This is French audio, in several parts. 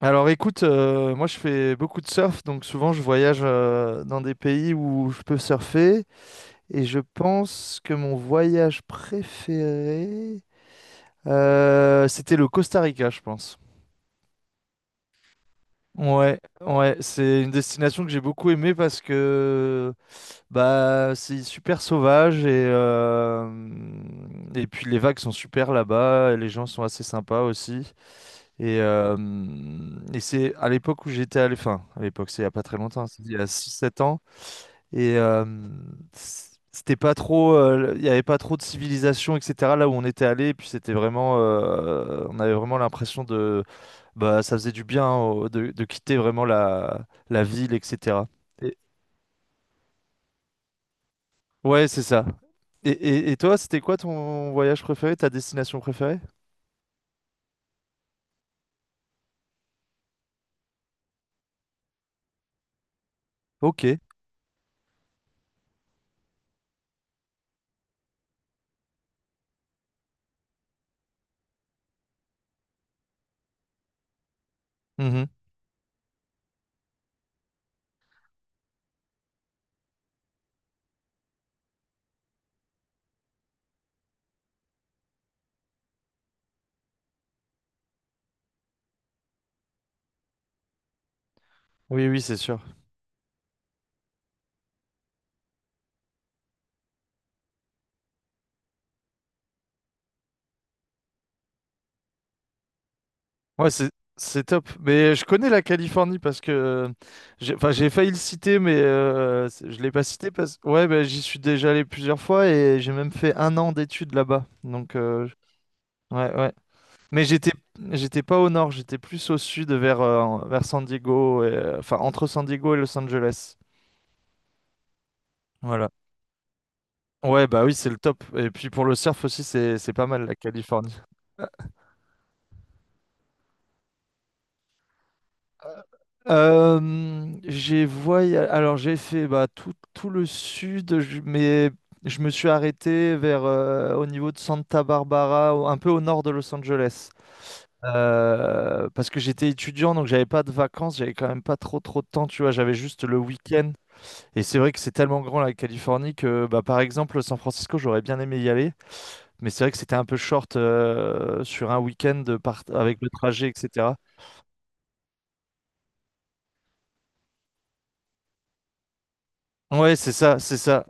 Alors écoute, moi je fais beaucoup de surf, donc souvent je voyage dans des pays où je peux surfer, et je pense que mon voyage préféré, c'était le Costa Rica, je pense. Ouais, ouais, c'est une destination que j'ai beaucoup aimée parce que bah c'est super sauvage et puis les vagues sont super là-bas, et les gens sont assez sympas aussi. Et, euh, et c'est à l'époque où j'étais à enfin, à l'époque, c'est il y a pas très longtemps, c'est il y a 6, 7 ans. Et euh, C'était pas trop, il y avait pas trop de civilisation, etc. Là où on était allé, et puis c'était vraiment, on avait vraiment l'impression de, bah, ça faisait du bien hein, de quitter vraiment la ville, etc. Et- ouais, c'est ça. Et toi, c'était quoi ton voyage préféré, ta destination préférée? Ok. Mhm. Oui, oui, c'est sûr. Ouais, c'est top. Mais je connais la Californie parce que j'ai, enfin, j'ai failli le citer, mais je l'ai pas cité parce que ouais, bah, j'y suis déjà allé plusieurs fois et j'ai même fait 1 an d'études là-bas. Donc, ouais, ouais. Mais j'étais pas au nord, j'étais plus au sud vers San Diego, enfin entre San Diego et Los Angeles. Voilà. Ouais, bah oui, c'est le top. Et puis pour le surf aussi, c'est pas mal la Californie. Alors j'ai fait bah, tout le sud, je me suis arrêté vers au niveau de Santa Barbara, un peu au nord de Los Angeles. Parce que j'étais étudiant, donc j'avais pas de vacances, j'avais quand même pas trop de temps, tu vois, j'avais juste le week-end. Et c'est vrai que c'est tellement grand la Californie que, bah, par exemple, San Francisco, j'aurais bien aimé y aller, mais c'est vrai que c'était un peu short sur un week-end avec le trajet, etc. Ouais, c'est ça, c'est ça.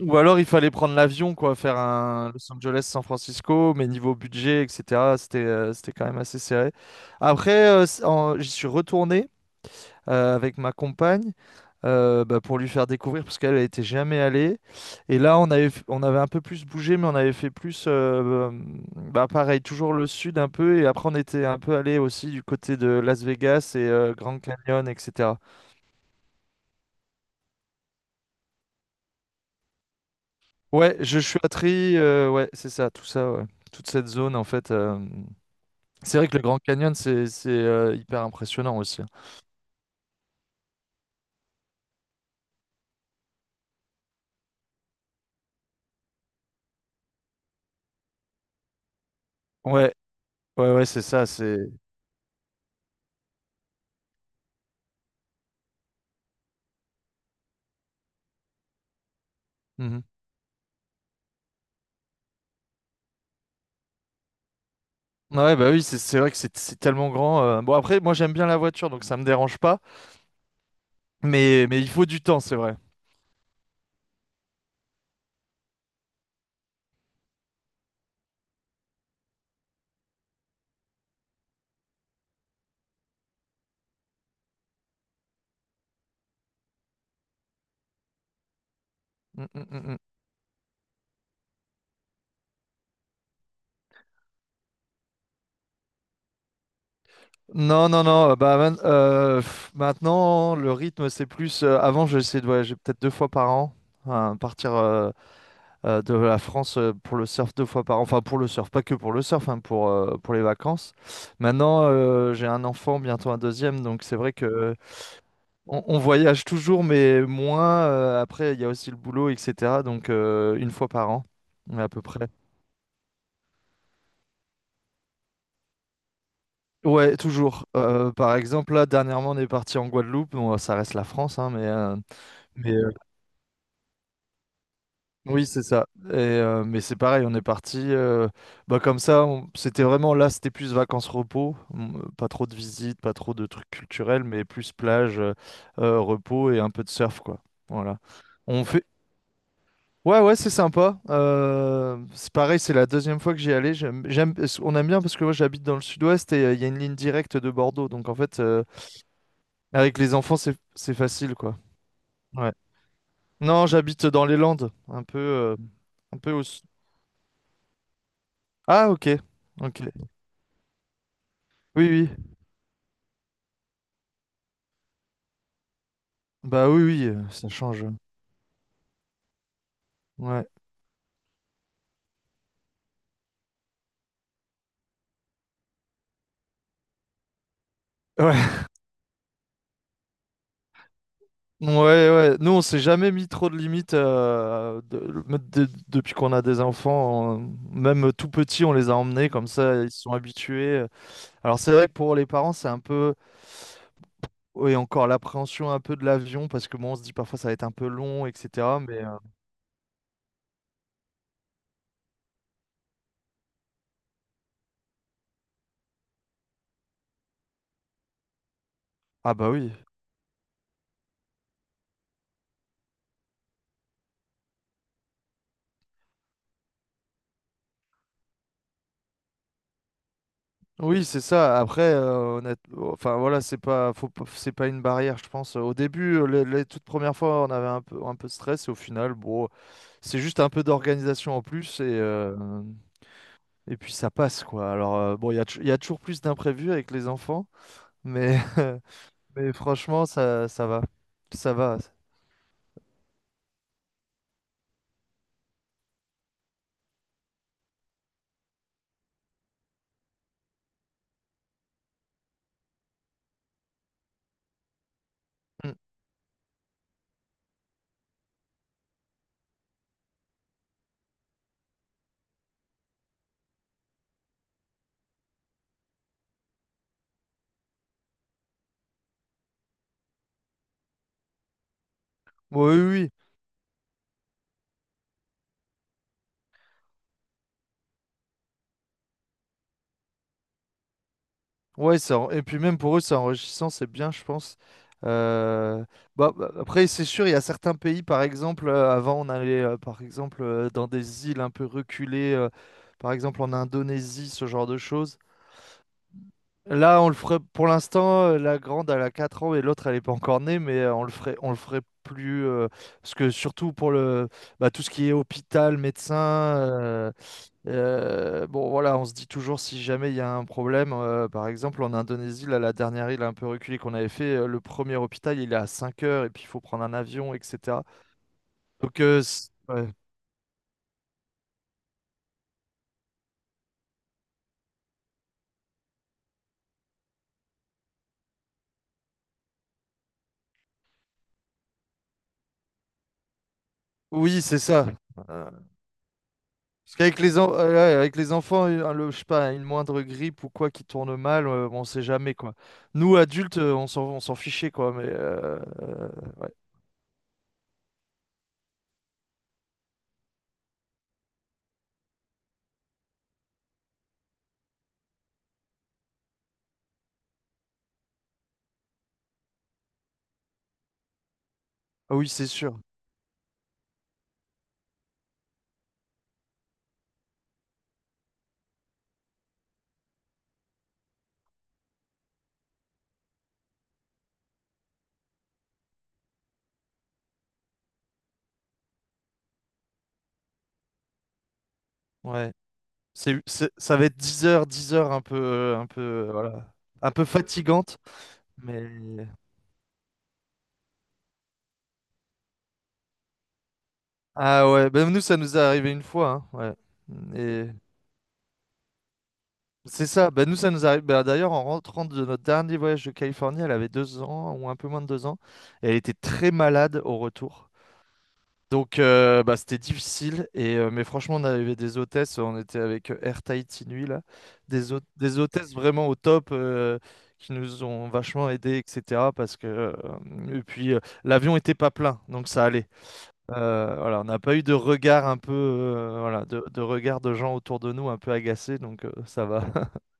Ou alors il fallait prendre l'avion, quoi, faire un Los Angeles-San Francisco, mais niveau budget, etc., c'était quand même assez serré. Après, j'y suis retourné avec ma compagne, bah, pour lui faire découvrir, parce qu'elle n'était jamais allée. Et là, on avait un peu plus bougé, mais on avait fait plus, bah, pareil, toujours le sud un peu, et après on était un peu allé aussi du côté de Las Vegas et Grand Canyon, etc. Ouais, je suis à Tri, ouais, c'est ça, tout ça, ouais. Toute cette zone, en fait. C'est vrai que le Grand Canyon, c'est hyper impressionnant aussi. Ouais, ouais, ouais, c'est ça. Mhm. Ouais, bah oui, c'est vrai que c'est tellement grand. Bon, après, moi, j'aime bien la voiture, donc ça me dérange pas, mais il faut du temps, c'est vrai. Mm, mm, mm, mm. Non, non, non, bah, maintenant, le rythme, c'est plus. Avant, j'essayais de voyager peut-être 2 fois par an, hein, de la France pour le surf 2 fois par an. Enfin, pour le surf, pas que pour le surf, hein, pour les vacances. Maintenant, j'ai un enfant, bientôt un deuxième, donc c'est vrai que on voyage toujours, mais moins. Après, il y a aussi le boulot, etc. Donc, une fois par an, à peu près. Ouais, toujours. Par exemple, là, dernièrement, on est parti en Guadeloupe. Bon, ça reste la France, hein, mais oui, c'est ça. Mais c'est pareil, on est parti bah, comme ça. C'était vraiment là, c'était plus vacances-repos. Pas trop de visites, pas trop de trucs culturels, mais plus plage, repos et un peu de surf, quoi. Voilà. On fait. Ouais, ouais, c'est sympa. C'est pareil, c'est la deuxième fois que j'y allais. On aime bien parce que moi j'habite dans le sud-ouest et il y a une ligne directe de Bordeaux. Donc en fait, avec les enfants, c'est facile, quoi. Ouais. Non, j'habite dans les Landes, un peu, un peu au, Ah, ok. Ok. Oui, oui. Bah oui, oui, ça change. Ouais. Ouais. Ouais, ouais. Nous, on s'est jamais mis trop de limites depuis qu'on a des enfants. Même tout petits, on les a emmenés comme ça, ils se sont habitués. Alors, c'est vrai que pour les parents, c'est un peu. Oui, encore l'appréhension un peu de l'avion, parce que bon, on se dit parfois ça va être un peu long, etc. Ah, bah oui. Oui, c'est ça. Après, oh, enfin voilà, c'est pas, faut pas- c'est pas une barrière, je pense. Au début, les toutes premières fois, on avait un peu de stress, et au final, bon, c'est juste un peu d'organisation en plus, et puis ça passe quoi. Alors bon, il y a toujours plus d'imprévus avec les enfants, mais mais franchement, ça va, ça va. Mm. Oui, oui, oui. Ouais, et puis même pour eux, c'est enrichissant, c'est bien, je pense. Euh, bah, après, c'est sûr, il y a certains pays, par exemple, avant, on allait, par exemple, dans des îles un peu reculées, par exemple en Indonésie, ce genre de choses. Là, on le ferait, pour l'instant, la grande, elle a 4 ans et l'autre, elle n'est pas encore née, mais on le ferait plus, parce que surtout pour le, bah, tout ce qui est hôpital, médecin, euh, bon, voilà, on se dit toujours si jamais il y a un problème. Par exemple, en Indonésie, là, la dernière île un peu reculée qu'on avait fait, le premier hôpital, il est à 5 heures et puis il faut prendre un avion, etc. Donc, ouais. Oui, c'est ça. Euh, Parce qu'avec ouais, avec les enfants, je sais pas, une moindre grippe ou quoi qui tourne mal, on sait jamais, quoi. Nous, adultes, on s'en fichait, quoi. Ouais. Ah oui, c'est sûr. Ouais. Ça va être 10 heures, 10 heures un peu, voilà, un peu fatigante. Mais... Ah ouais, ben nous ça nous est arrivé une fois, hein, ouais. Et c'est ça, ben nous ça nous arrive. Ben d'ailleurs en rentrant de notre dernier voyage de Californie, elle avait 2 ans ou un peu moins de 2 ans, et elle était très malade au retour. Donc bah, c'était difficile, mais franchement on avait des hôtesses, on était avec Air Tahiti Nui là, des hôtesses vraiment au top. Qui nous ont vachement aidés, etc. Et puis, l'avion était pas plein, donc ça allait. Voilà, on n'a pas eu de regard un peu, voilà, de regard de gens autour de nous un peu agacés, donc ça va.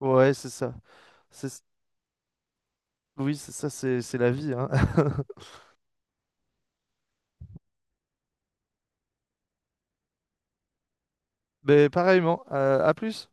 Ouais, c'est ça. C'est, oui, c'est ça, c'est la vie, hein. Mais pareillement, à plus.